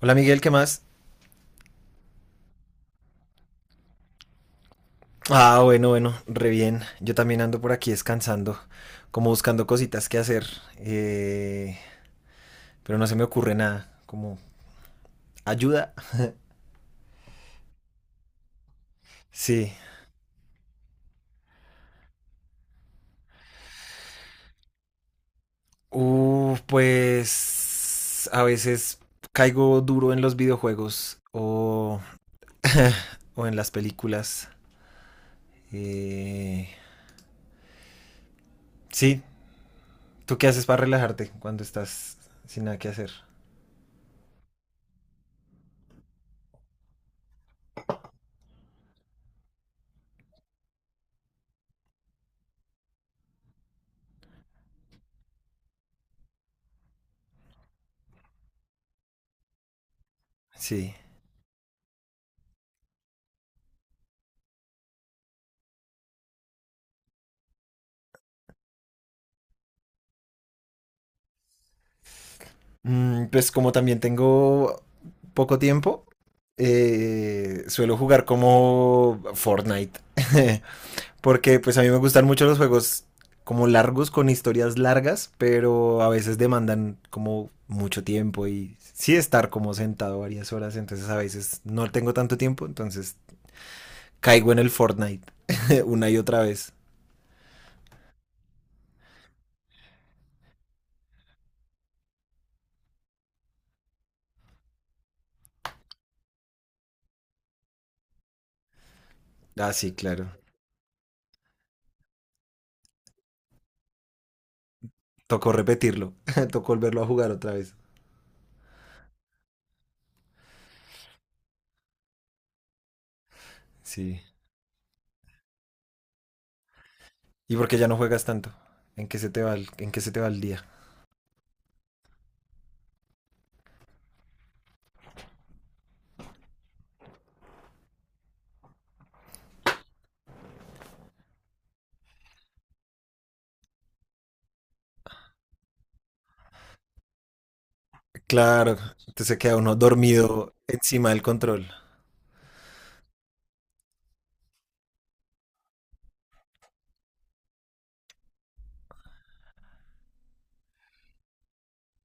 Hola Miguel, ¿qué más? Ah, bueno, bueno, re bien. Yo también ando por aquí descansando, como buscando cositas que hacer, eh, pero no se me ocurre nada, como ayuda. Sí. Pues a veces caigo duro en los videojuegos o, o en las películas. Eh, sí, ¿tú qué haces para relajarte cuando estás sin nada que hacer? Sí. Pues como también tengo poco tiempo, suelo jugar como Fortnite. Porque pues a mí me gustan mucho los juegos como largos, con historias largas, pero a veces demandan como mucho tiempo y sí estar como sentado varias horas, entonces a veces no tengo tanto tiempo, entonces caigo en el Fortnite una y otra vez. Ah, sí, claro. Tocó repetirlo, tocó volverlo a jugar otra vez. Sí. ¿Y por qué ya no juegas tanto? ¿En qué se te va en qué se te va el día? Claro, entonces se queda uno dormido encima del control.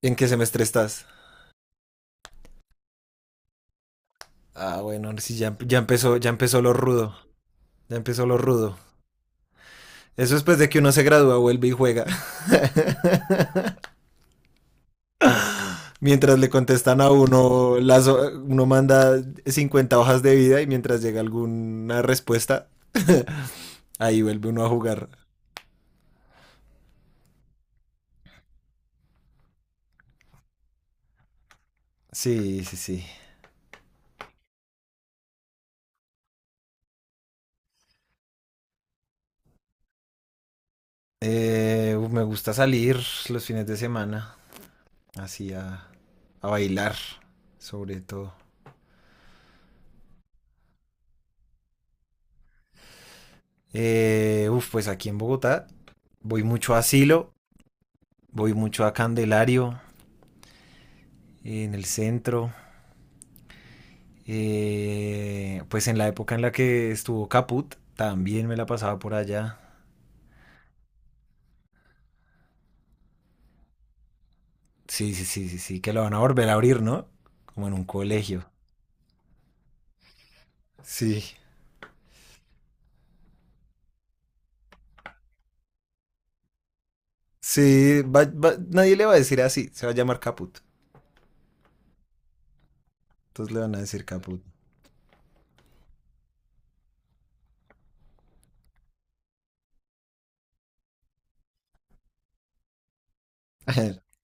¿En qué semestre estás? Ah, bueno, sí, ya, ya empezó lo rudo. Ya empezó lo rudo. Eso después de que uno se gradúa, vuelve y juega. Mientras le contestan a uno, uno manda 50 hojas de vida y mientras llega alguna respuesta, ahí vuelve uno a jugar. Sí, sí, sí. Me gusta salir los fines de semana, así a bailar, sobre todo. Uf, pues aquí en Bogotá voy mucho a Asilo, voy mucho a Candelario, en el centro. Pues en la época en la que estuvo Caput, también me la pasaba por allá. Sí, sí, sí, sí, sí, que lo van a volver a abrir, ¿no? Como en un colegio. Sí, sí, nadie le va a decir así, se va a llamar Caput. Entonces le van a decir Caput.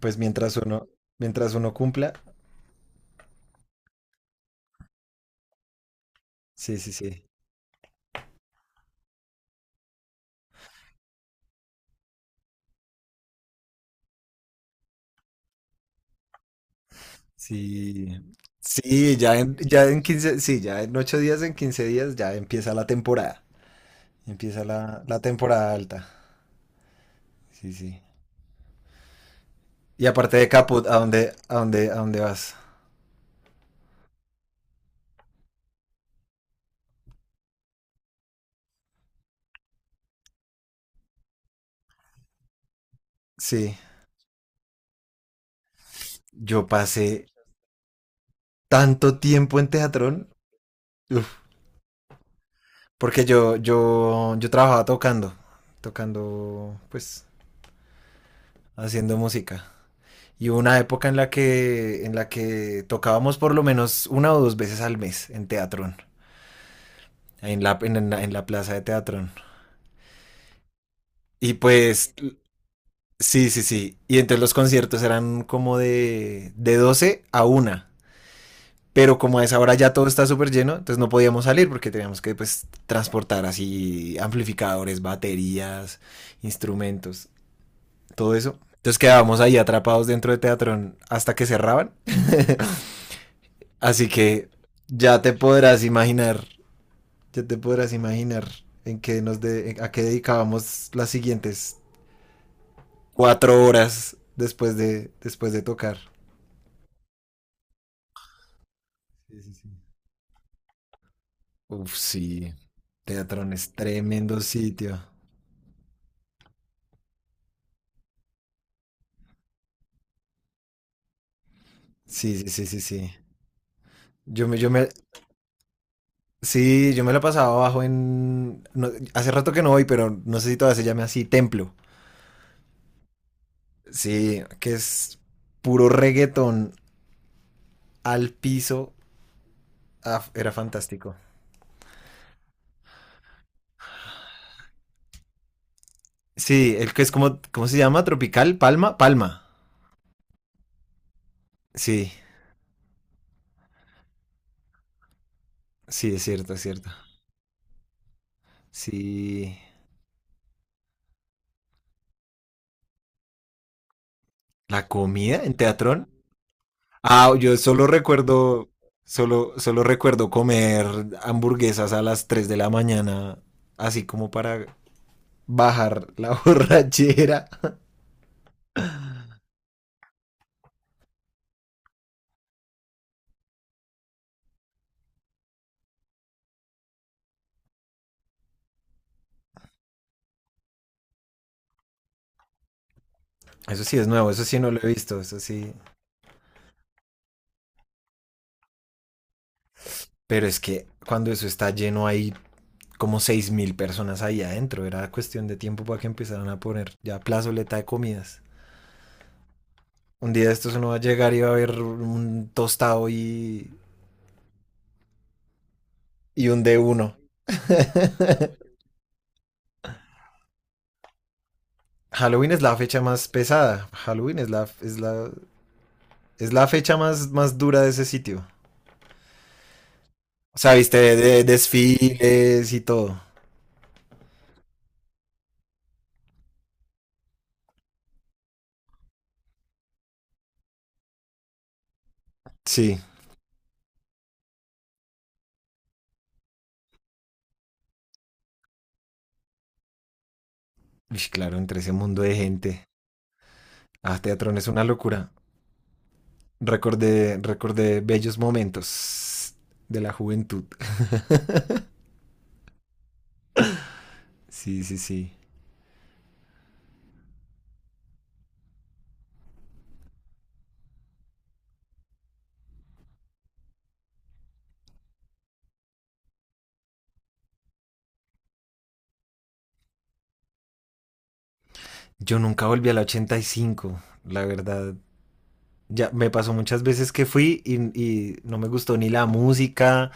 Pues mientras uno cumpla, sí, sí, sí. Sí, sí, ya en 15, sí, ya en 8 días, en 15 días, ya empieza la temporada. Empieza la temporada alta. Sí, sí. Y aparte de Caput, ¿A dónde vas? Sí, yo pasé tanto tiempo en Teatrón, uf, porque yo trabajaba tocando, tocando, pues, haciendo música. Y hubo una época en la que tocábamos por lo menos una o dos veces al mes en Teatrón. En la plaza de Teatrón. Y pues, sí, sí, sí. Y entonces los conciertos eran como de 12 a 1. Pero como a esa hora ya todo está súper lleno, entonces no podíamos salir porque teníamos que pues transportar así amplificadores, baterías, instrumentos, todo eso. Entonces quedábamos ahí atrapados dentro de Teatrón hasta que cerraban. Así que ya te podrás imaginar, ya te podrás imaginar en qué nos de, a qué dedicábamos las siguientes 4 horas después de tocar. Sí, sí, sí. Uf, sí. Teatrón es tremendo sitio. Sí, sí, sí, sí, sí. Yo me, yo me, sí, yo me la pasaba abajo en, no, hace rato que no voy, pero no sé si todavía se llame así, Templo. Sí, que es puro reggaetón al piso. Ah, era fantástico. Sí, el que es como, ¿cómo se llama? Tropical, Palma, Palma. Sí, sí, es cierto, es cierto. Sí. La comida en Teatrón. Ah, yo solo recuerdo comer hamburguesas a las 3 de la mañana, así como para bajar la borrachera. Eso sí es nuevo, eso sí no lo he visto, eso sí. Pero es que cuando eso está lleno hay como 6.000 personas ahí adentro, era cuestión de tiempo para que empezaran a poner ya plazoleta de comidas. Un día de estos uno va a llegar y va a haber un tostado y un de uno. Halloween es la fecha más pesada. Halloween es la fecha más, más dura de ese sitio. O sea, viste, desfiles y todo. Sí. Uy, claro, entre ese mundo de gente. Ah, Teatrón es una locura. Recordé bellos momentos de la juventud. Sí, sí, sí. Yo nunca volví a la 85, la verdad. Ya me pasó muchas veces que fui y no me gustó ni la música,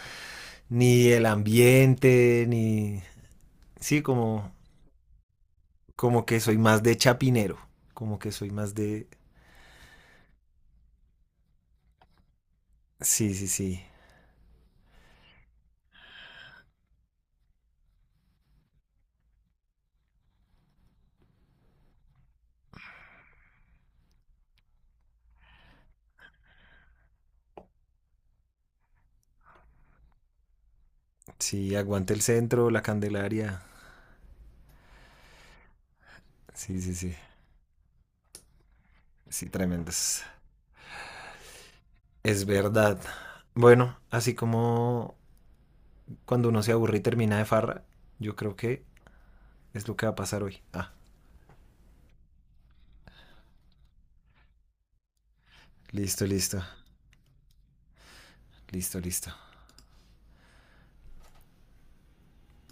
ni el ambiente, ni... Sí, como que soy más de Chapinero. Como que soy más de. Sí, sí, sí. Sí, aguante el centro, la Candelaria. Sí, sí, sí. Sí, tremendos. Es verdad. Bueno, así como cuando uno se aburre y termina de farra, yo creo que es lo que va a pasar hoy. Ah, listo, listo. Listo, listo.